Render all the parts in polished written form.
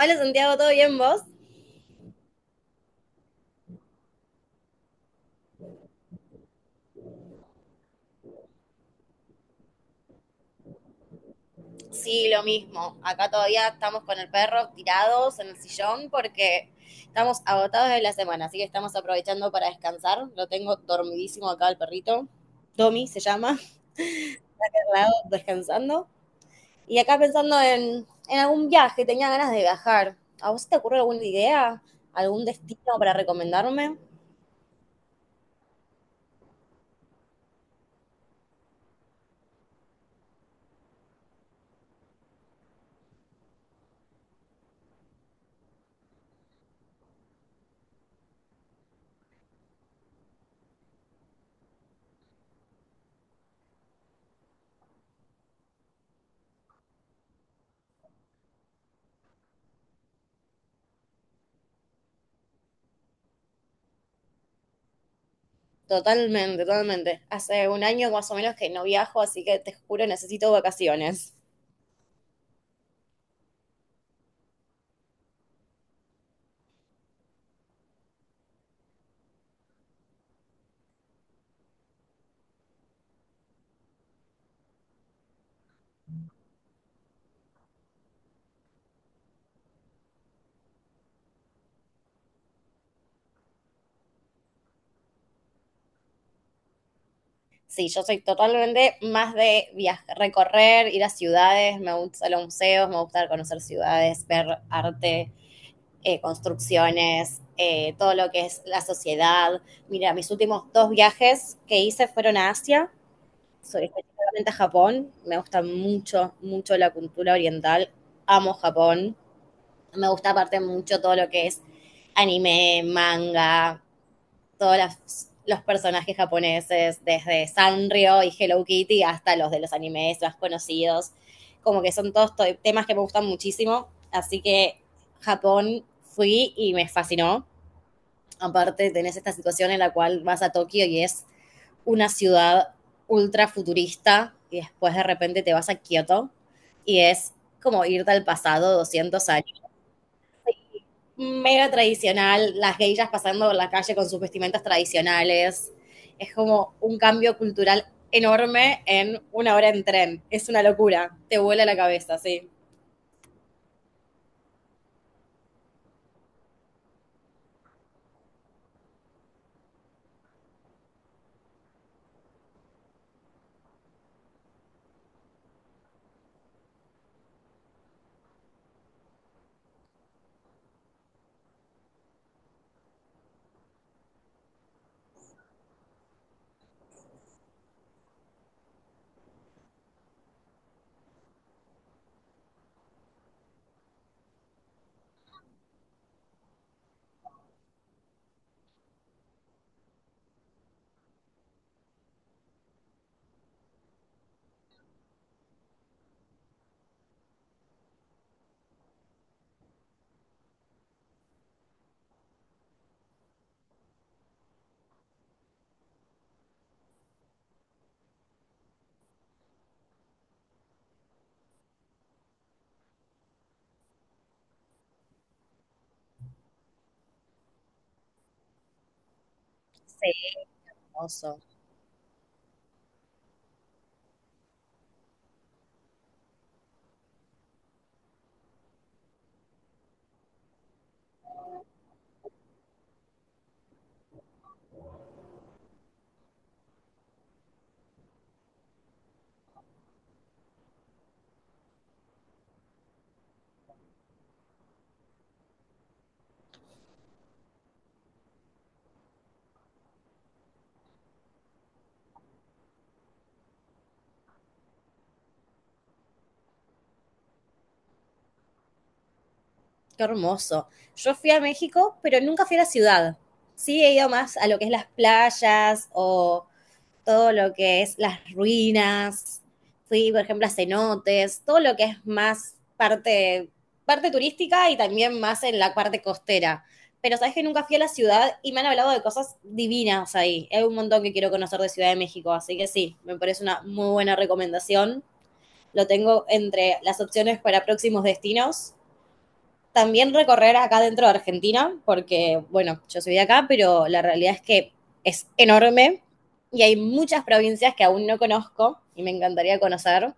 Hola Santiago, ¿todo bien vos? Sí, lo mismo. Acá todavía estamos con el perro tirados en el sillón porque estamos agotados de la semana, así que estamos aprovechando para descansar. Lo tengo dormidísimo acá el perrito. Tommy se llama, al lado, descansando. Y acá pensando en algún viaje, tenía ganas de viajar. ¿A vos te ocurre alguna idea? ¿Algún destino para recomendarme? Totalmente, totalmente. Hace un año más o menos que no viajo, así que te juro necesito vacaciones. Sí, yo soy totalmente más de viajar, recorrer, ir a ciudades, me gustan los museos, me gusta conocer ciudades, ver arte, construcciones, todo lo que es la sociedad. Mira, mis últimos dos viajes que hice fueron a Asia, soy específicamente a Japón, me gusta mucho, mucho la cultura oriental, amo Japón, me gusta aparte mucho todo lo que es anime, manga, todos los personajes japoneses, desde Sanrio y Hello Kitty hasta los de los animes más conocidos. Como que son todos temas que me gustan muchísimo. Así que Japón fui y me fascinó. Aparte, tenés esta situación en la cual vas a Tokio y es una ciudad ultra futurista y después de repente te vas a Kioto y es como irte al pasado 200 años mega tradicional, las geishas pasando por la calle con sus vestimentas tradicionales. Es como un cambio cultural enorme en una hora en tren. Es una locura. Te vuela la cabeza, sí. Sí, hermoso. Qué hermoso. Yo fui a México, pero nunca fui a la ciudad. Sí, he ido más a lo que es las playas o todo lo que es las ruinas, fui, por ejemplo, a cenotes, todo lo que es más parte, parte turística y también más en la parte costera. Pero sabes que nunca fui a la ciudad y me han hablado de cosas divinas ahí. Hay un montón que quiero conocer de Ciudad de México, así que sí, me parece una muy buena recomendación. Lo tengo entre las opciones para próximos destinos, también recorrer acá dentro de Argentina, porque, bueno, yo soy de acá, pero la realidad es que es enorme y hay muchas provincias que aún no conozco y me encantaría conocer,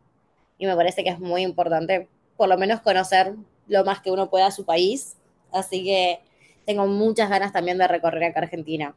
y me parece que es muy importante por lo menos conocer lo más que uno pueda su país. Así que tengo muchas ganas también de recorrer acá Argentina.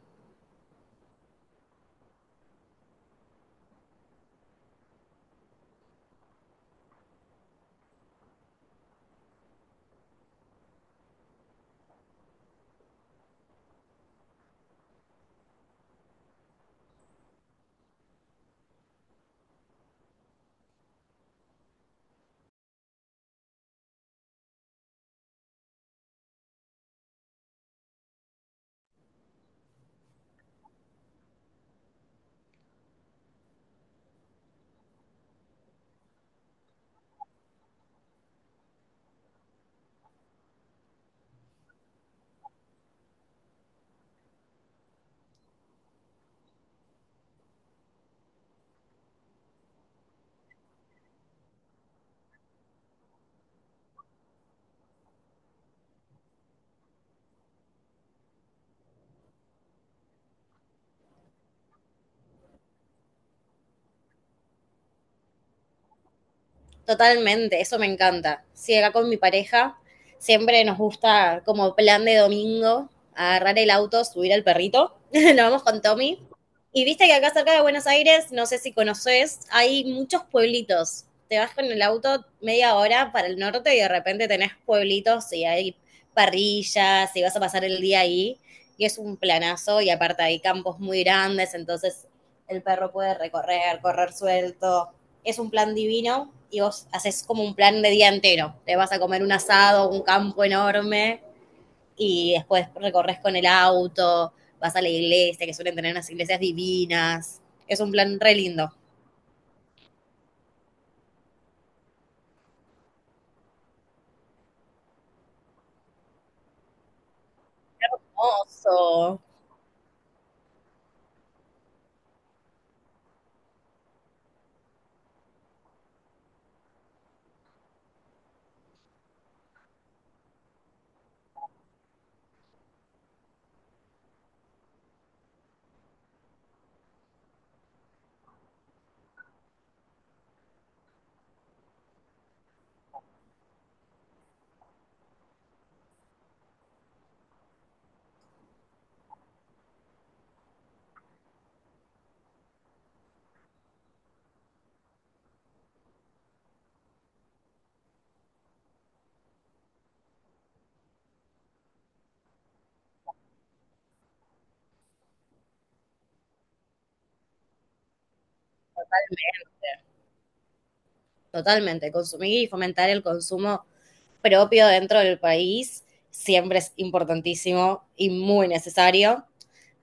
Totalmente, eso me encanta. Sí, acá con mi pareja siempre nos gusta como plan de domingo agarrar el auto, subir al perrito. Nos vamos con Tommy. Y viste que acá cerca de Buenos Aires, no sé si conoces, hay muchos pueblitos. Te vas con el auto media hora para el norte y de repente tenés pueblitos y hay parrillas y vas a pasar el día ahí. Y es un planazo y aparte hay campos muy grandes, entonces el perro puede recorrer, correr suelto, es un plan divino y vos haces como un plan de día entero. Te vas a comer un asado, un campo enorme y después recorres con el auto, vas a la iglesia, que suelen tener unas iglesias divinas. Es un plan re lindo. Oso. Totalmente, consumir y fomentar el consumo propio dentro del país siempre es importantísimo y muy necesario.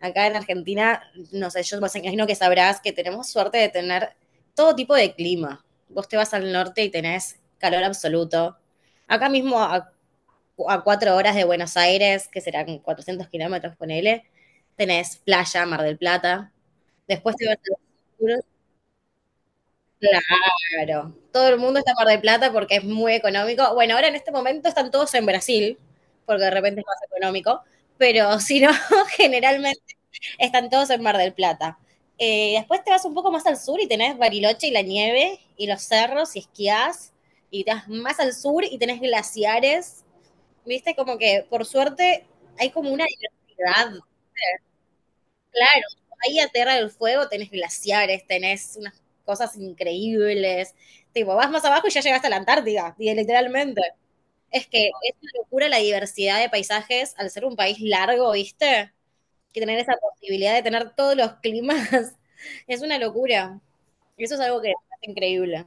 Acá en Argentina, no sé, yo me imagino que sabrás que tenemos suerte de tener todo tipo de clima. Vos te vas al norte y tenés calor absoluto. Acá mismo, a 4 horas de Buenos Aires, que serán 400 kilómetros, ponele, tenés playa, Mar del Plata. Después te vas al sur. Claro, todo el mundo está en Mar del Plata porque es muy económico. Bueno, ahora en este momento están todos en Brasil, porque de repente es más económico, pero si no, generalmente están todos en Mar del Plata. Después te vas un poco más al sur y tenés Bariloche y la nieve y los cerros y esquías. Y te vas más al sur y tenés glaciares. Viste, como que por suerte hay como una diversidad. Claro, ahí a Tierra del Fuego tenés glaciares, tenés unas cosas increíbles. Tipo, vas más abajo y ya llegaste a la Antártida, y literalmente. Es que es una locura la diversidad de paisajes al ser un país largo, ¿viste? Que tener esa posibilidad de tener todos los climas es una locura. Eso es algo que es increíble.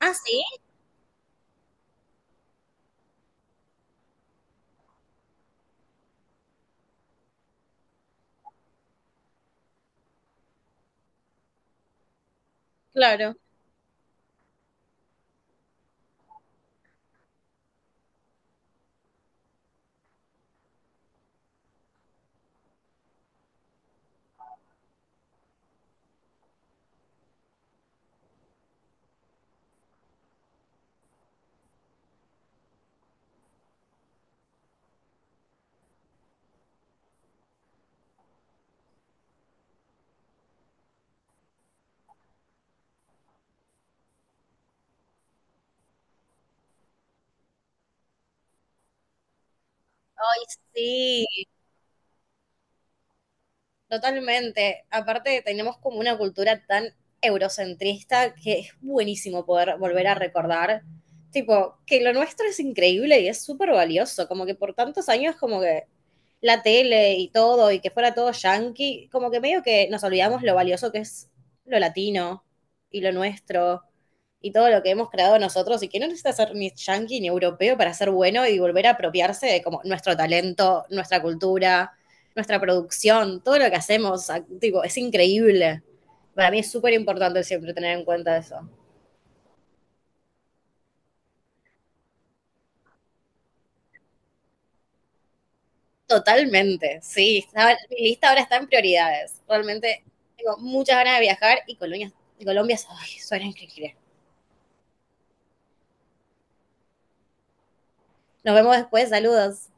Ah, sí, claro. Sí, totalmente. Aparte, tenemos como una cultura tan eurocentrista que es buenísimo poder volver a recordar, tipo, que lo nuestro es increíble y es súper valioso, como que por tantos años como que la tele y todo y que fuera todo yankee, como que medio que nos olvidamos lo valioso que es lo latino y lo nuestro y todo lo que hemos creado nosotros y que no necesita ser ni yankee ni europeo para ser bueno, y volver a apropiarse de como nuestro talento, nuestra cultura, nuestra producción, todo lo que hacemos, tipo, es increíble. Para mí es súper importante siempre tener en cuenta eso. Totalmente, sí. Mi lista ahora está en prioridades. Realmente tengo muchas ganas de viajar y Colombia ay, suena increíble. Nos vemos después, saludos.